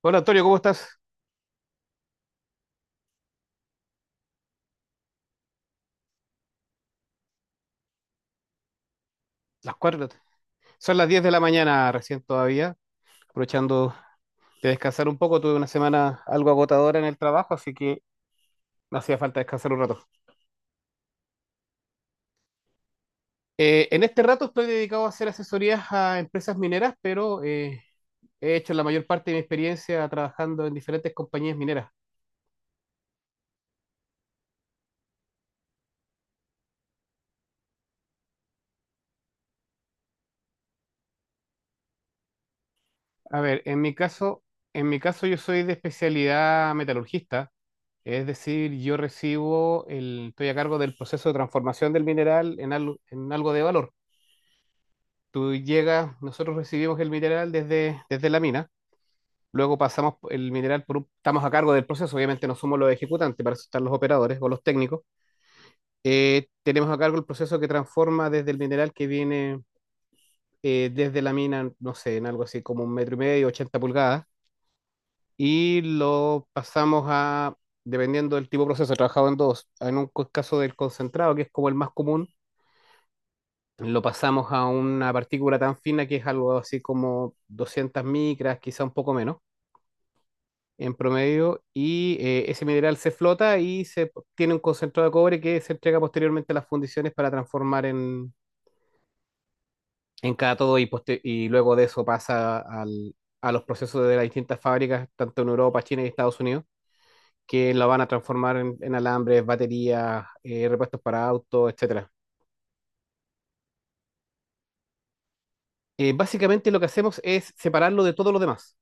Hola Antonio, ¿cómo estás? Las cuatro. Son las 10 de la mañana recién todavía, aprovechando de descansar un poco. Tuve una semana algo agotadora en el trabajo, así que me hacía falta descansar un rato. En este rato estoy dedicado a hacer asesorías a empresas mineras, pero he hecho la mayor parte de mi experiencia trabajando en diferentes compañías mineras. A ver, en mi caso yo soy de especialidad metalurgista, es decir, yo recibo el, estoy a cargo del proceso de transformación del mineral en algo de valor. Tú llegas, nosotros recibimos el mineral desde la mina, luego pasamos el mineral por estamos a cargo del proceso, obviamente no somos los ejecutantes, para eso están los operadores o los técnicos. Tenemos a cargo el proceso que transforma desde el mineral que viene desde la mina, no sé, en algo así como 1 metro y medio, 80 pulgadas, y lo pasamos a, dependiendo del tipo de proceso, he trabajado en dos, en un caso del concentrado, que es como el más común. Lo pasamos a una partícula tan fina que es algo así como 200 micras, quizá un poco menos en promedio, y ese mineral se flota y se tiene un concentrado de cobre que se entrega posteriormente a las fundiciones para transformar en cátodo y, y luego de eso pasa a los procesos de las distintas fábricas, tanto en Europa, China y Estados Unidos, que lo van a transformar en alambres, baterías, repuestos para autos, etcétera. Básicamente lo que hacemos es separarlo de todo lo demás.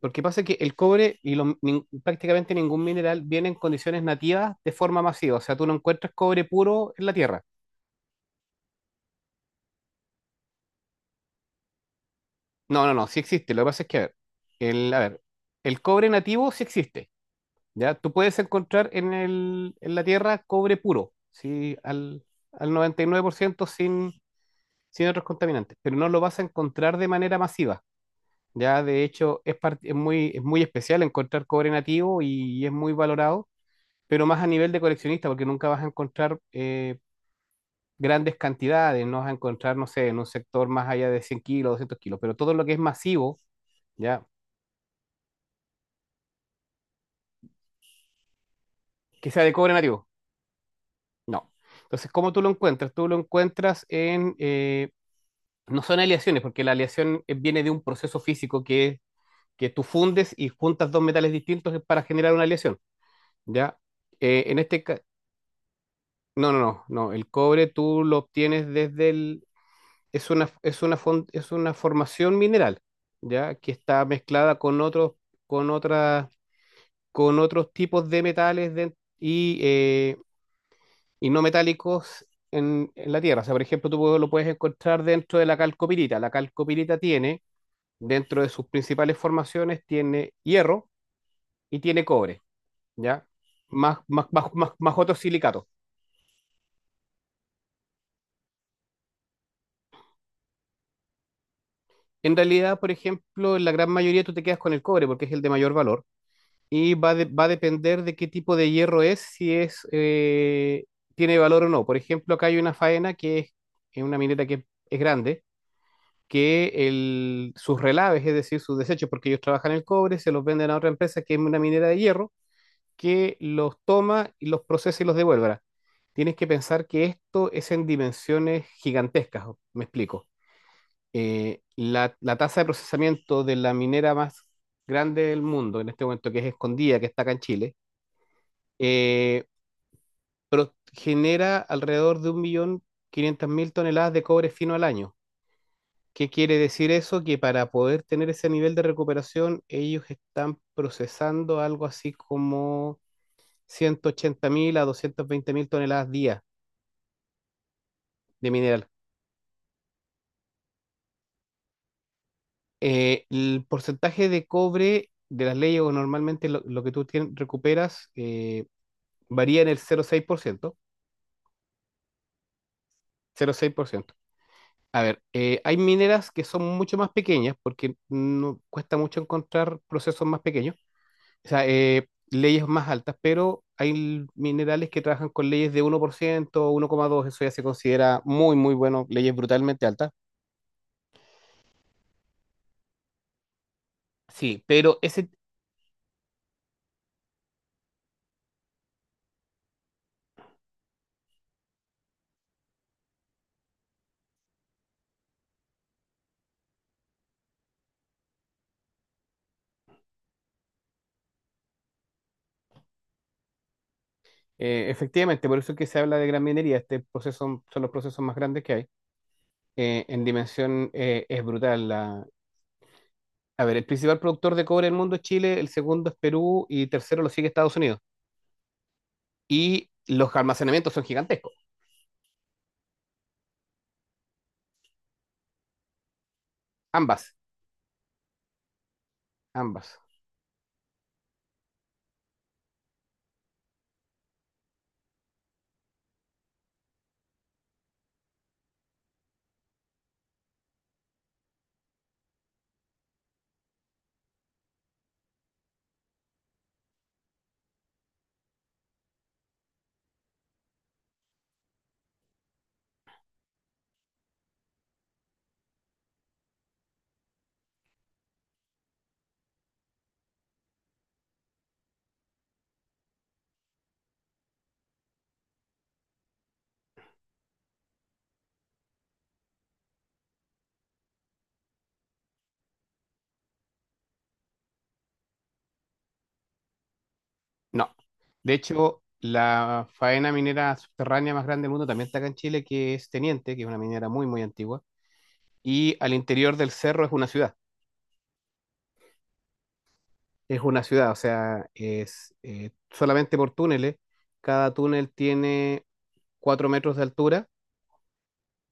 Porque pasa que el cobre y prácticamente ningún mineral viene en condiciones nativas de forma masiva. O sea, tú no encuentras cobre puro en la tierra. No, no, no, sí existe. Lo que pasa es que, a ver, el cobre nativo sí existe. ¿Ya? Tú puedes encontrar en el, en la tierra cobre puro, sí, al 99% sin, sin otros contaminantes, pero no lo vas a encontrar de manera masiva. Ya, de hecho, es, es muy especial encontrar cobre nativo y es muy valorado, pero más a nivel de coleccionista, porque nunca vas a encontrar grandes cantidades, no vas a encontrar, no sé, en un sector más allá de 100 kilos, 200 kilos, pero todo lo que es masivo, ¿ya? Que sea de cobre nativo, no. Entonces, ¿cómo tú lo encuentras? Tú lo encuentras en, no son aleaciones, porque la aleación viene de un proceso físico, que es que tú fundes y juntas dos metales distintos para generar una aleación, ¿ya? En este caso, no, no, no, no, el cobre tú lo obtienes desde el, es una, es una, es una formación mineral, ¿ya? Que está mezclada con otros, con otras, con otros tipos de metales y, eh, y no metálicos en la Tierra. O sea, por ejemplo, lo puedes encontrar dentro de la calcopirita. La calcopirita tiene, dentro de sus principales formaciones, tiene hierro y tiene cobre, ¿ya? Más, más, más, más, más otros silicatos. En realidad, por ejemplo, en la gran mayoría tú te quedas con el cobre porque es el de mayor valor, y va, va a depender de qué tipo de hierro es, si es, tiene valor o no. Por ejemplo, acá hay una faena que es una minera que es grande, que el, sus relaves, es decir, sus desechos, porque ellos trabajan el cobre, se los venden a otra empresa que es una minera de hierro, que los toma y los procesa y los devuelve. Ahora, tienes que pensar que esto es en dimensiones gigantescas, me explico. La tasa de procesamiento de la minera más grande del mundo en este momento, que es Escondida, que está acá en Chile, eh, pero genera alrededor de 1.500.000 toneladas de cobre fino al año. ¿Qué quiere decir eso? Que para poder tener ese nivel de recuperación, ellos están procesando algo así como 180.000 a 220.000 toneladas día de mineral. El porcentaje de cobre de las leyes, o normalmente lo que recuperas varía en el 0,066%. 0,6%. A ver, hay mineras que son mucho más pequeñas porque no cuesta mucho encontrar procesos más pequeños, o sea, leyes más altas, pero minerales que trabajan con leyes de 1%, 1,2, eso ya se considera muy, muy bueno, leyes brutalmente altas. Sí, pero ese, efectivamente, por eso es que se habla de gran minería, este proceso son los procesos más grandes que hay. En dimensión es brutal. A ver, el principal productor de cobre del mundo es Chile, el segundo es Perú y tercero lo sigue Estados Unidos. Y los almacenamientos son gigantescos. Ambas, ambas. No. De hecho, la faena minera subterránea más grande del mundo también está acá en Chile, que es Teniente, que es una minera muy, muy antigua. Y al interior del cerro es una ciudad. Es una ciudad, o sea, es solamente por túneles. Cada túnel tiene 4 metros de altura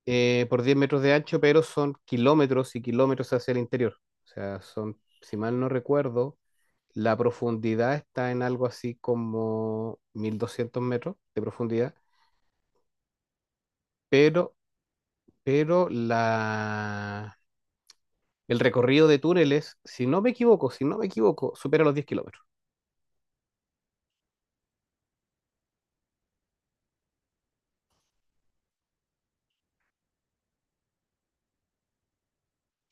por 10 metros de ancho, pero son kilómetros y kilómetros hacia el interior. O sea, son, si mal no recuerdo, la profundidad está en algo así como 1200 metros de profundidad, pero, pero la, el recorrido de túneles, si no me equivoco, supera los 10 kilómetros.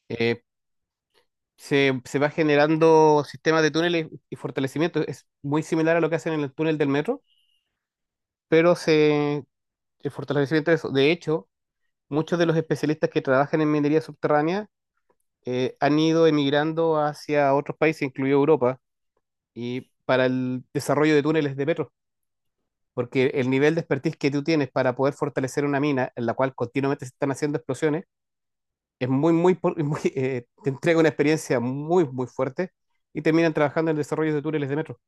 Eh, se va generando sistemas de túneles y fortalecimiento. Es muy similar a lo que hacen en el túnel del metro, pero se, el fortalecimiento de eso. De hecho, muchos de los especialistas que trabajan en minería subterránea han ido emigrando hacia otros países, incluido Europa, y para el desarrollo de túneles de metro, porque el nivel de expertise que tú tienes para poder fortalecer una mina en la cual continuamente se están haciendo explosiones es muy, muy, muy, te entrega una experiencia muy, muy fuerte y terminan trabajando en el desarrollo de túneles de metro.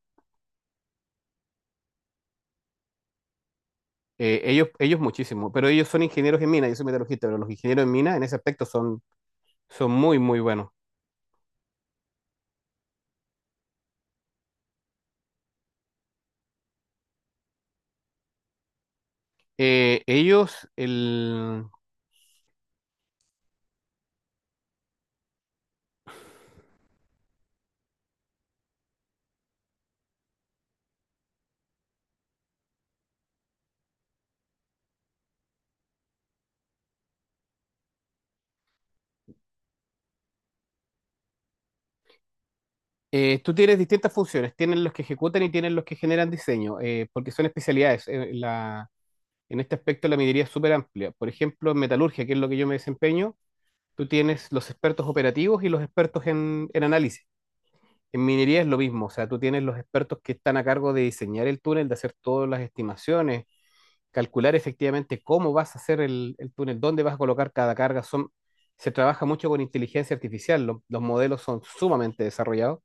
Ellos muchísimo, pero ellos son ingenieros en mina, yo soy metalurgista, pero los ingenieros en mina en ese aspecto son, son muy, muy buenos. Eh, ellos, el, tú tienes distintas funciones, tienen los que ejecutan y tienen los que generan diseño, porque son especialidades. En este aspecto la minería es súper amplia. Por ejemplo, en metalurgia, que es lo que yo me desempeño, tú tienes los expertos operativos y los expertos en análisis. En minería es lo mismo, o sea, tú tienes los expertos que están a cargo de diseñar el túnel, de hacer todas las estimaciones, calcular efectivamente cómo vas a hacer el túnel, dónde vas a colocar cada carga. Son, se trabaja mucho con inteligencia artificial, los modelos son sumamente desarrollados.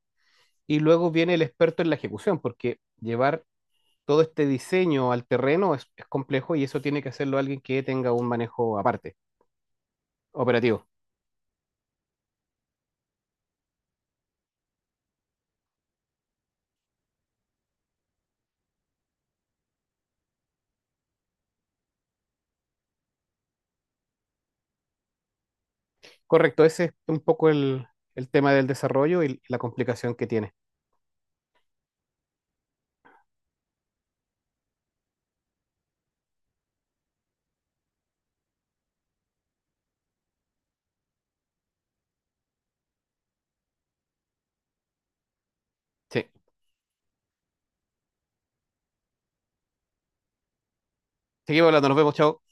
Y luego viene el experto en la ejecución, porque llevar todo este diseño al terreno es complejo y eso tiene que hacerlo alguien que tenga un manejo aparte, operativo. Correcto, ese es un poco el tema del desarrollo y la complicación que tiene. Sí. Seguimos hablando, nos vemos, chao.